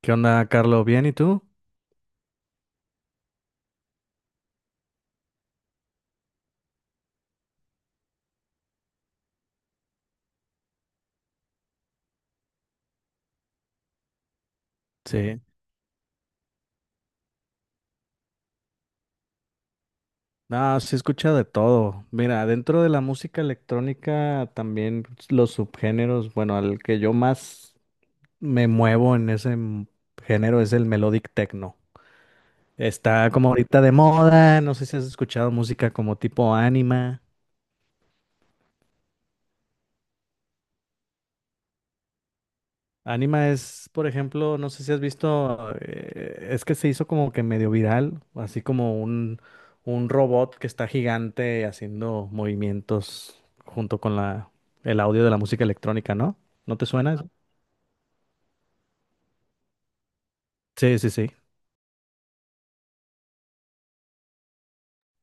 ¿Qué onda, Carlos? ¿Bien y tú? Sí. No, sí escucha de todo. Mira, dentro de la música electrónica también pues, los subgéneros, bueno, al que yo más me muevo en ese género es el melodic techno. Está como ahorita de moda, no sé si has escuchado música como tipo anima. Anima es, por ejemplo, no sé si has visto, es que se hizo como que medio viral, así como un robot que está gigante haciendo movimientos junto con el audio de la música electrónica, ¿no? ¿No te suena eso? Sí, sí, sí.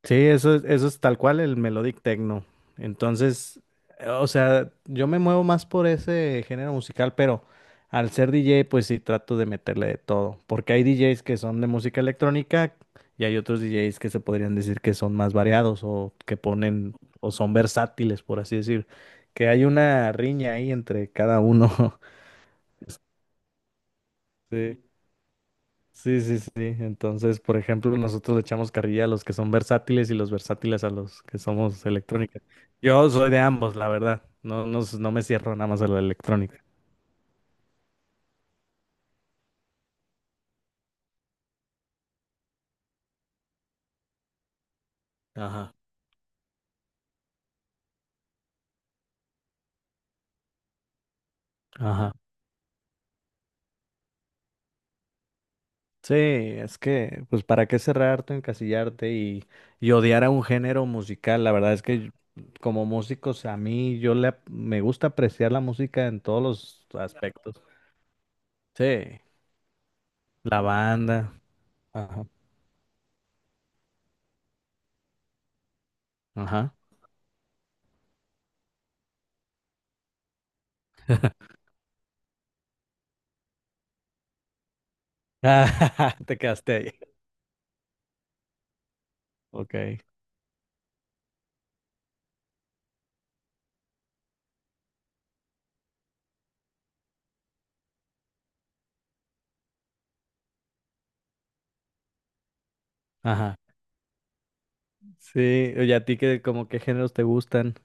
Sí, eso es tal cual el melodic techno. Entonces, o sea, yo me muevo más por ese género musical, pero al ser DJ, pues sí trato de meterle de todo, porque hay DJs que son de música electrónica y hay otros DJs que se podrían decir que son más variados o que ponen o son versátiles, por así decir, que hay una riña ahí entre cada uno. Sí. Sí, sí, sí. Entonces, por ejemplo, nosotros le echamos carrilla a los que son versátiles y los versátiles a los que somos electrónica. Yo soy de ambos, la verdad. No, no, no me cierro nada más a la electrónica. Ajá. Ajá. Sí, es que, pues, ¿para qué cerrarte, encasillarte y odiar a un género musical? La verdad es que como músicos, a mí yo le, ap- me gusta apreciar la música en todos los aspectos. Sí, la banda. Ajá. Ajá. Ah, te quedaste ahí. Ok. Ajá. Sí, oye, a ti qué, como qué géneros te gustan.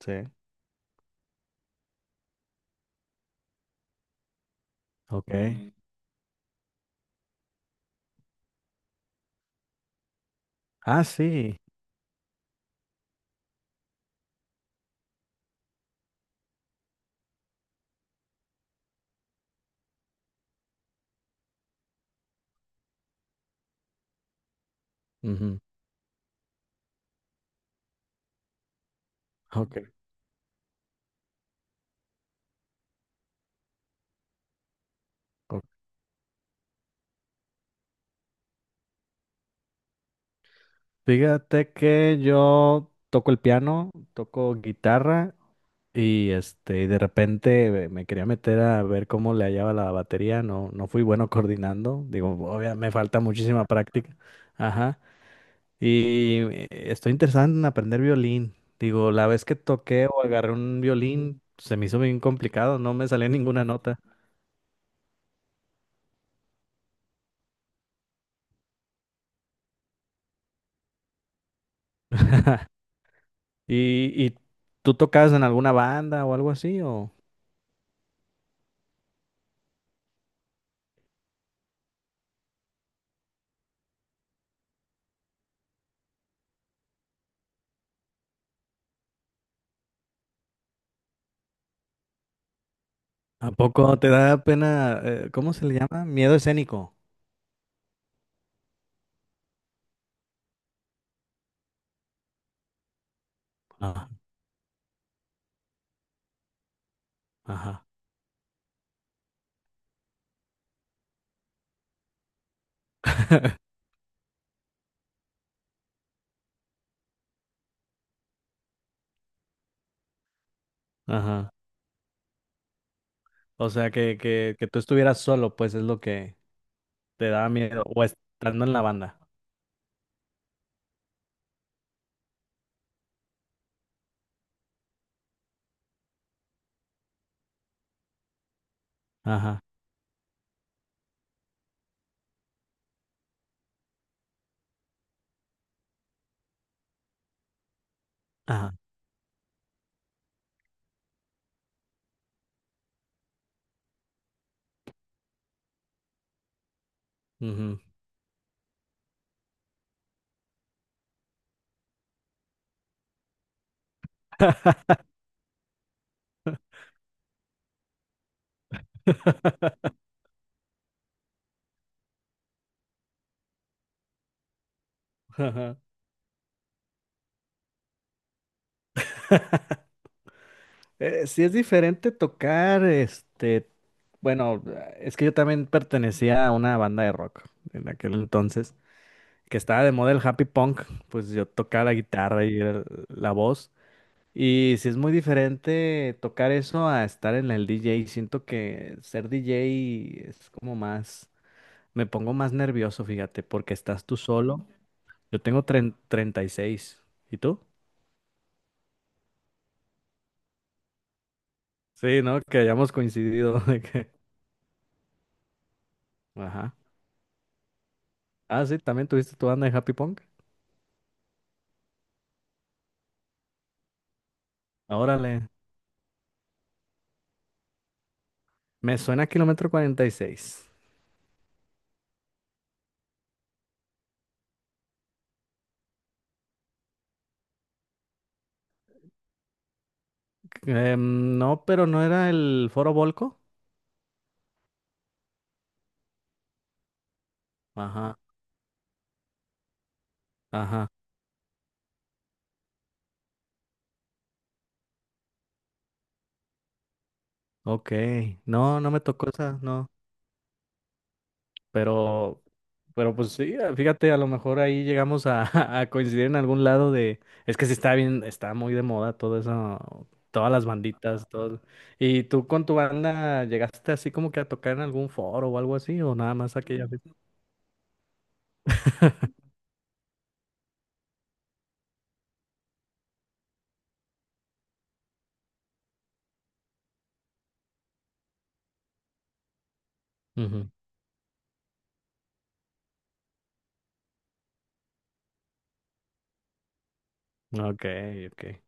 Sí. Ok. Mm. Ah, sí. Ujú. Ok, ok. Fíjate que yo toco el piano, toco guitarra y este, de repente me quería meter a ver cómo le hallaba la batería. No, no fui bueno coordinando. Digo, obviamente me falta muchísima práctica. Ajá. Y estoy interesado en aprender violín. Digo, la vez que toqué o agarré un violín, se me hizo bien complicado, no me salía ninguna nota. Y tú tocabas en alguna banda o algo así? ¿O a poco te da pena, ¿cómo se le llama? Miedo escénico. Ajá, ajá, ajá. O sea, que tú estuvieras solo, pues es lo que te da miedo, o estando en la banda. Ajá, ajá. Ujú. Ajá. Sí es diferente tocar, bueno, es que yo también pertenecía a una banda de rock en aquel entonces, que estaba de moda el happy punk, pues yo tocaba la guitarra y era la voz. Y si es muy diferente tocar eso a estar en el DJ. Siento que ser DJ es como más, me pongo más nervioso, fíjate, porque estás tú solo. Yo tengo treinta ¿Y seis y tú? Sí, ¿no? Que hayamos coincidido de que... Ajá. Ah, sí, también tuviste tu banda de Happy Punk. Órale. Me suena a Kilómetro 46. Em, no, pero no era el Foro Volco. Ajá. Ajá. Ok, no, no me tocó esa, no, pero, pero pues sí, ah, fíjate, a lo mejor ahí llegamos a, a coincidir en algún lado de, es que sí está bien, está muy de moda todo eso, todas las banditas, todo. ¿Y tú con tu banda llegaste así como que a tocar en algún foro o algo así, o nada más aquella vez? Ujú, ok, ok.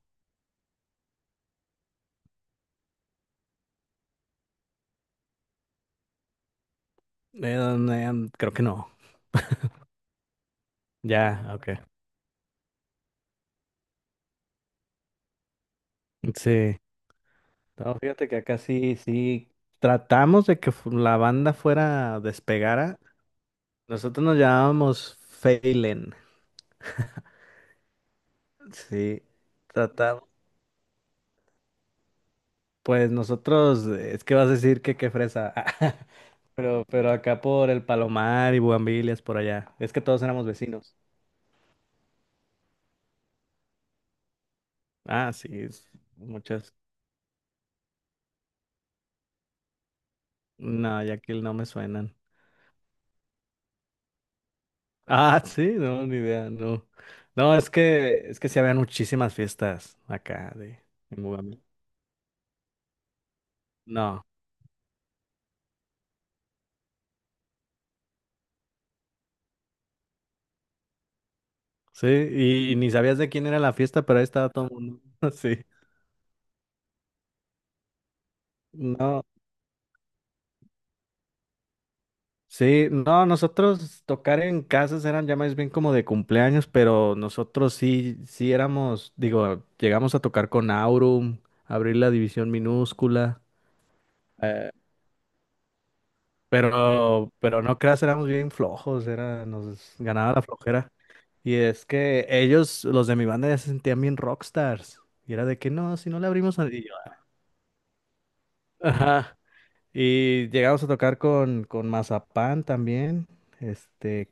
No, no, creo que no. Ya, ok. Sí. No, fíjate que acá sí, sí. Tratamos de que la banda fuera despegara. Nosotros nos llamábamos Phelan. Sí, tratamos. Pues nosotros, es que vas a decir que qué fresa. Pero acá por el Palomar y Bugambilias, por allá. Es que todos éramos vecinos. Ah, sí, muchas. No, ya que no me suenan. Ah, sí, no, ni idea, no. No, es que sí había muchísimas fiestas acá de en Bugambilias. No, sí, y ni sabías de quién era la fiesta, pero ahí estaba todo el mundo. Sí. No. Sí, no, nosotros tocar en casas eran ya más bien como de cumpleaños, pero nosotros sí, sí éramos, digo, llegamos a tocar con Aurum, abrir la división minúscula, eh, pero no creas, éramos bien flojos, era, nos ganaba la flojera. Y es que ellos, los de mi banda, ya se sentían bien rockstars. Y era de que no, si no le abrimos al... Y yo, ajá. Y llegamos a tocar con Mazapán también, este,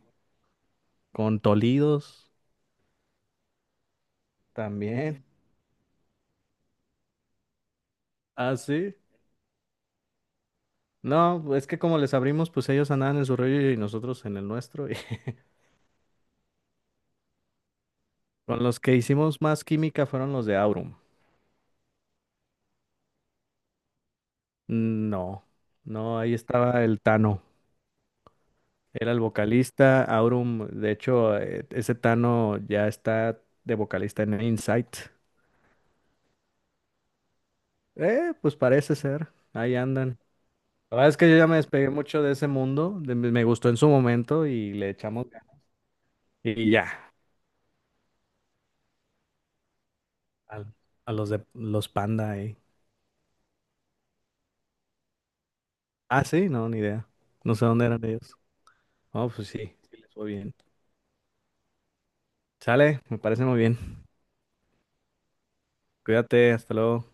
con Tolidos. También. Ah, sí. No, es que como les abrimos, pues ellos andaban en su rollo y nosotros en el nuestro, y con los que hicimos más química fueron los de Aurum. No, no, ahí estaba el Tano. Era el vocalista. Aurum, de hecho, ese Tano ya está de vocalista en Insight. Pues parece ser. Ahí andan. La verdad es que yo ya me despegué mucho de ese mundo, me gustó en su momento y le echamos ganas. Y ya. Al, a los de los Panda ahí. Ah, sí, no, ni idea. No sé dónde eran ellos. Oh, pues sí, sí les fue bien. Sale, me parece muy bien. Cuídate, hasta luego.